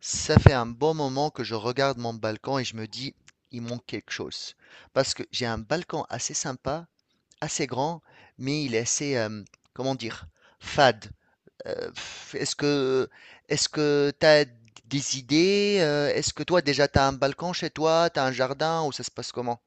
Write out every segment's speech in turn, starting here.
Ça fait un bon moment que je regarde mon balcon et je me dis, il manque quelque chose. Parce que j'ai un balcon assez sympa, assez grand, mais il est assez, comment dire, fade. Euh, pff, est-ce que, est-ce que tu as des idées? Est-ce que toi déjà tu as un balcon chez toi, tu as un jardin ou ça se passe comment?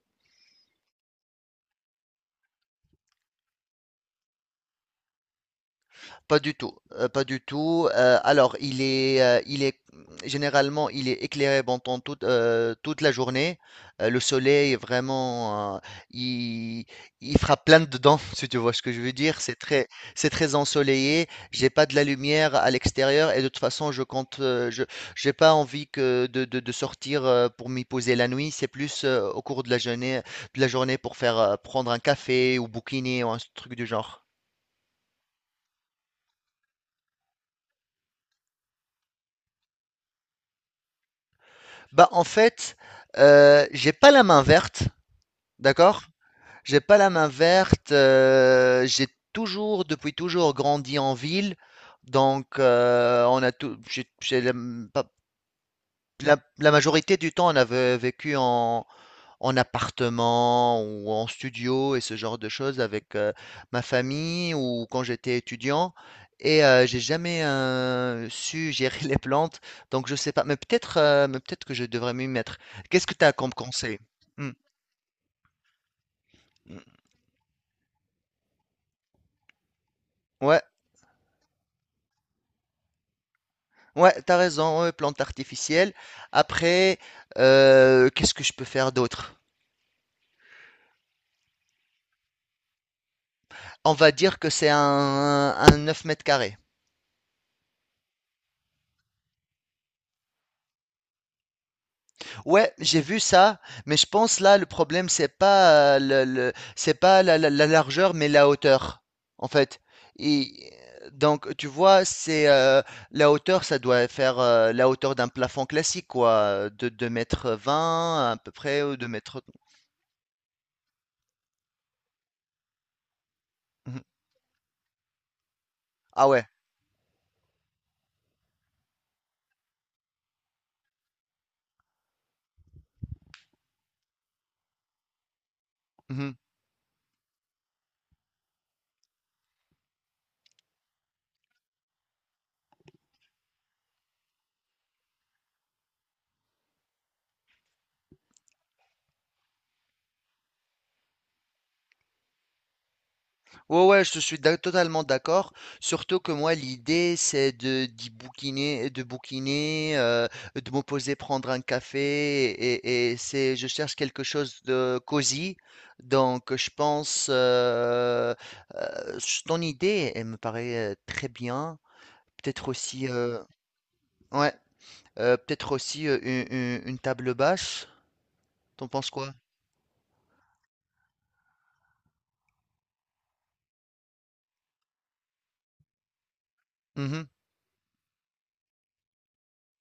Pas du tout, pas du tout. Alors, généralement, il est éclairé pendant toute la journée. Le soleil est vraiment, il, il frappe plein dedans, si tu vois ce que je veux dire. C'est très ensoleillé. J'ai pas de la lumière à l'extérieur et de toute façon, j'ai pas envie de sortir pour m'y poser la nuit. C'est plus au cours de la journée pour faire prendre un café ou bouquiner ou un truc du genre. Bah, en fait, j'ai pas la main verte, d'accord? J'ai pas la main verte, j'ai toujours, depuis toujours, grandi en ville, donc on a tout j'ai la, pas la majorité du temps, on a ve vécu en appartement ou en studio et ce genre de choses avec ma famille ou quand j'étais étudiant. Et j'ai jamais su gérer les plantes, donc je sais pas. Mais peut-être que je devrais m'y mettre. Qu'est-ce que tu as comme conseil? Hmm, hmm. Ouais, ouais, t'as raison. Ouais, plantes artificielles. Après, qu'est-ce que je peux faire d'autre? On va dire que c'est un 9 mètres carrés. Ouais, j'ai vu ça, mais je pense là le problème c'est pas la largeur mais la hauteur en fait. Et donc tu vois, c'est la hauteur ça doit faire la hauteur d'un plafond classique quoi, de 2,20 m à peu près ou 2 m. Mhm. Ah ouais. Mhm. Ouais, ouais, je te suis totalement d'accord. Surtout que moi, l'idée, c'est de d'y bouquiner, de me poser, prendre un café, et c'est, je cherche quelque chose de cosy. Donc, je pense, ton idée, elle me paraît très bien. Peut-être aussi, euh, ouais, peut-être aussi une table basse. T'en penses quoi? Mhm,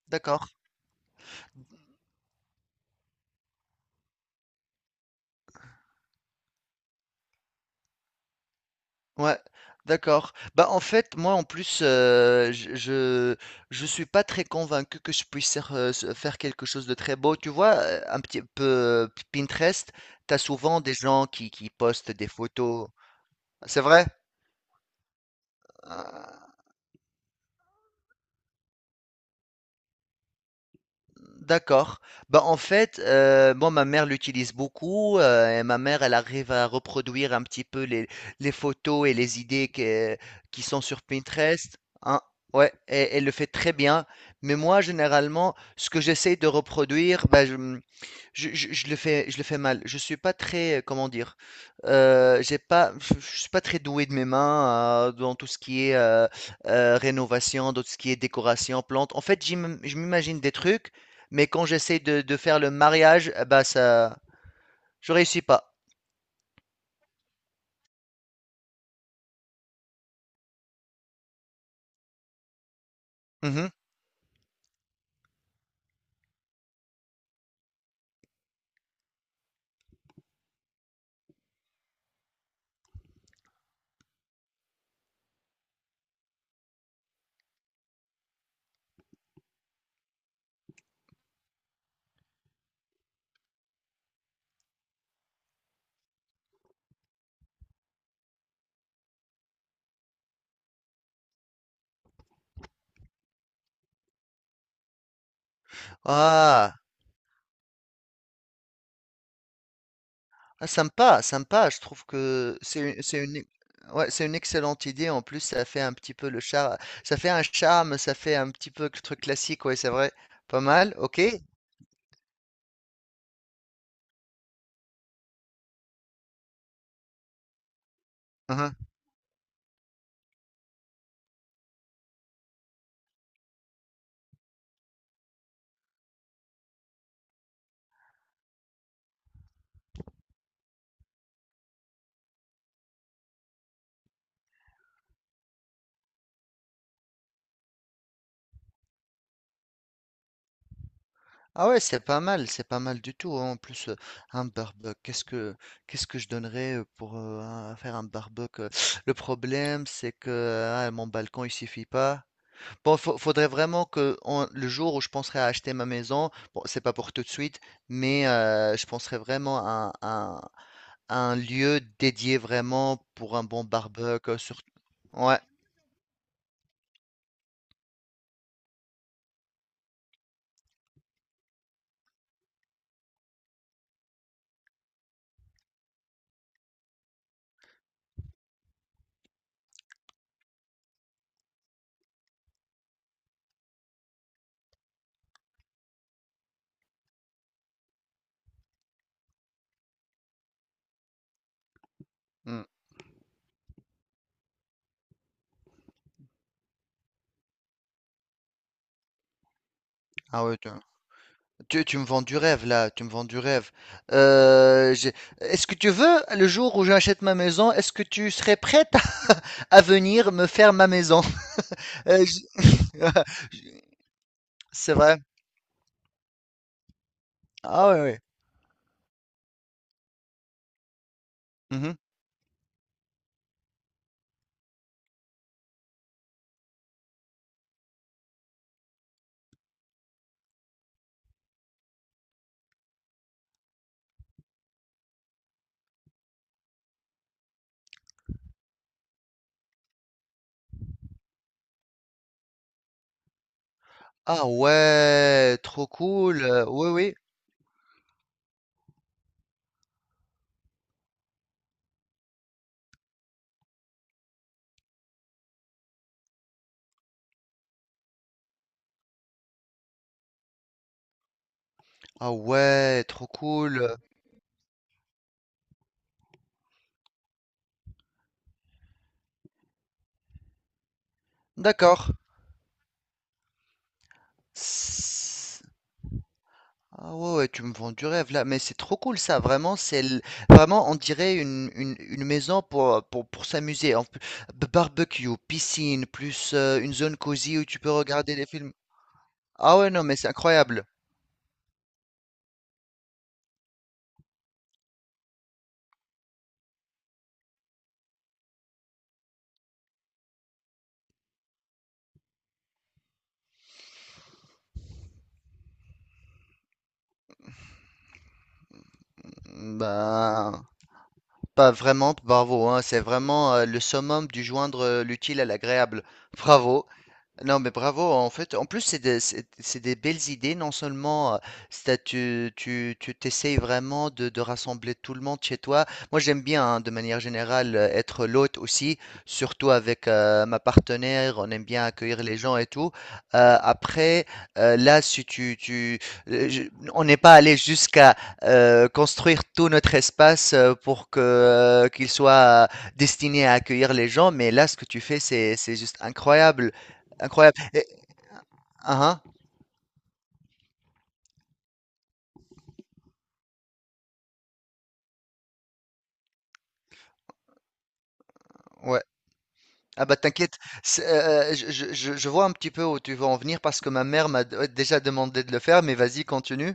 d'accord. Ouais, d'accord. Bah, en fait, moi, en plus, je suis pas très convaincu que je puisse faire quelque chose de très beau. Tu vois, un petit peu Pinterest, t'as souvent des gens qui postent des photos. C'est vrai? Ah. D'accord. Bah, en fait, moi, ma mère l'utilise beaucoup, et ma mère, elle arrive à reproduire un petit peu les photos et les idées que qui sont sur Pinterest, hein, ouais, et elle le fait très bien. Mais moi, généralement, ce que j'essaie de reproduire, bah, je, mmh je le fais mal. Je suis pas très, comment dire, j'ai pas, je suis pas très doué de mes mains dans tout ce qui est rénovation, dans tout ce qui est décoration, plantes. En fait, je m'imagine des trucs, mais quand j'essaie de faire le mariage, eh ben ça, je réussis pas. Mhm. Ah, ah, sympa, sympa. Je trouve que c'est une excellente idée. En plus, ça fait un petit peu le charme, ça fait un charme, ça fait un petit peu le truc classique. Ouais, c'est vrai. Pas mal. Ok. Ah ouais, c'est pas mal du tout, hein. En plus, un barbecue, qu'est-ce que je donnerais pour faire un barbecue? Le problème, c'est que ah, mon balcon, il suffit pas. Bon, faudrait vraiment que le jour où je penserais à acheter ma maison, bon, c'est pas pour tout de suite, mais je penserais vraiment à un lieu dédié vraiment pour un bon barbecue. Surtout, ouais. Mm. Ah ouais, tu me vends du rêve là, tu me vends du rêve. Euh, j'ai- est-ce que tu veux, le jour où j'achète ma maison, est-ce que tu serais prête à, venir me faire ma maison? Euh, j- C'est vrai. Ah ouais, ouais. Mhm. Ah ouais, trop cool. Oui, oui. Ah ouais, trop cool. D'accord. Ah ouais, ouais, tu me vends du rêve là, mais c'est trop cool ça, vraiment, vraiment on dirait une maison pour, pour s'amuser, en plus, barbecue, piscine, plus une zone cosy où tu peux regarder des films. Ah ouais, non, mais c'est incroyable. Ben, pas vraiment, bravo, hein, c'est vraiment le summum du joindre l'utile à l'agréable. Bravo. Non, mais bravo. En fait, en plus, c'est des belles idées. Non seulement, tu t'essayes vraiment de rassembler tout le monde chez toi. Moi, j'aime bien, hein, de manière générale, être l'hôte aussi, surtout avec ma partenaire. On aime bien accueillir les gens et tout. Après, là, si euh, je- on n'est pas allé jusqu'à construire tout notre espace pour que qu'il soit destiné à accueillir les gens. Mais là, ce que tu fais, c'est juste incroyable. Incroyable. Et, ah, ah, ouais. Ah bah t'inquiète, c'est, je vois un petit peu où tu veux en venir parce que ma mère m'a ouais, déjà demandé de le faire, mais vas-y, continue.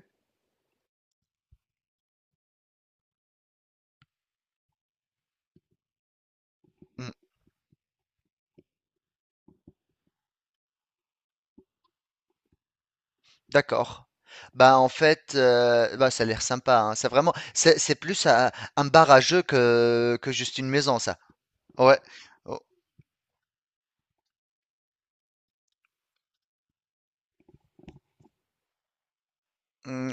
Mm, d'accord. Bah en fait, bah, ça a l'air sympa, hein. C'est vraiment, c'est plus un bar à jeu que juste une maison, ça. Ouais. Oh. mm,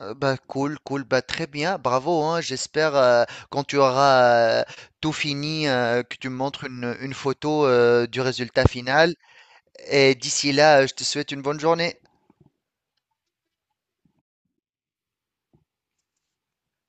Bah, cool, cool, bah, très bien, bravo, hein, j'espère quand tu auras tout fini, que tu me montres une photo du résultat final. Et d'ici là, je te souhaite une bonne journée.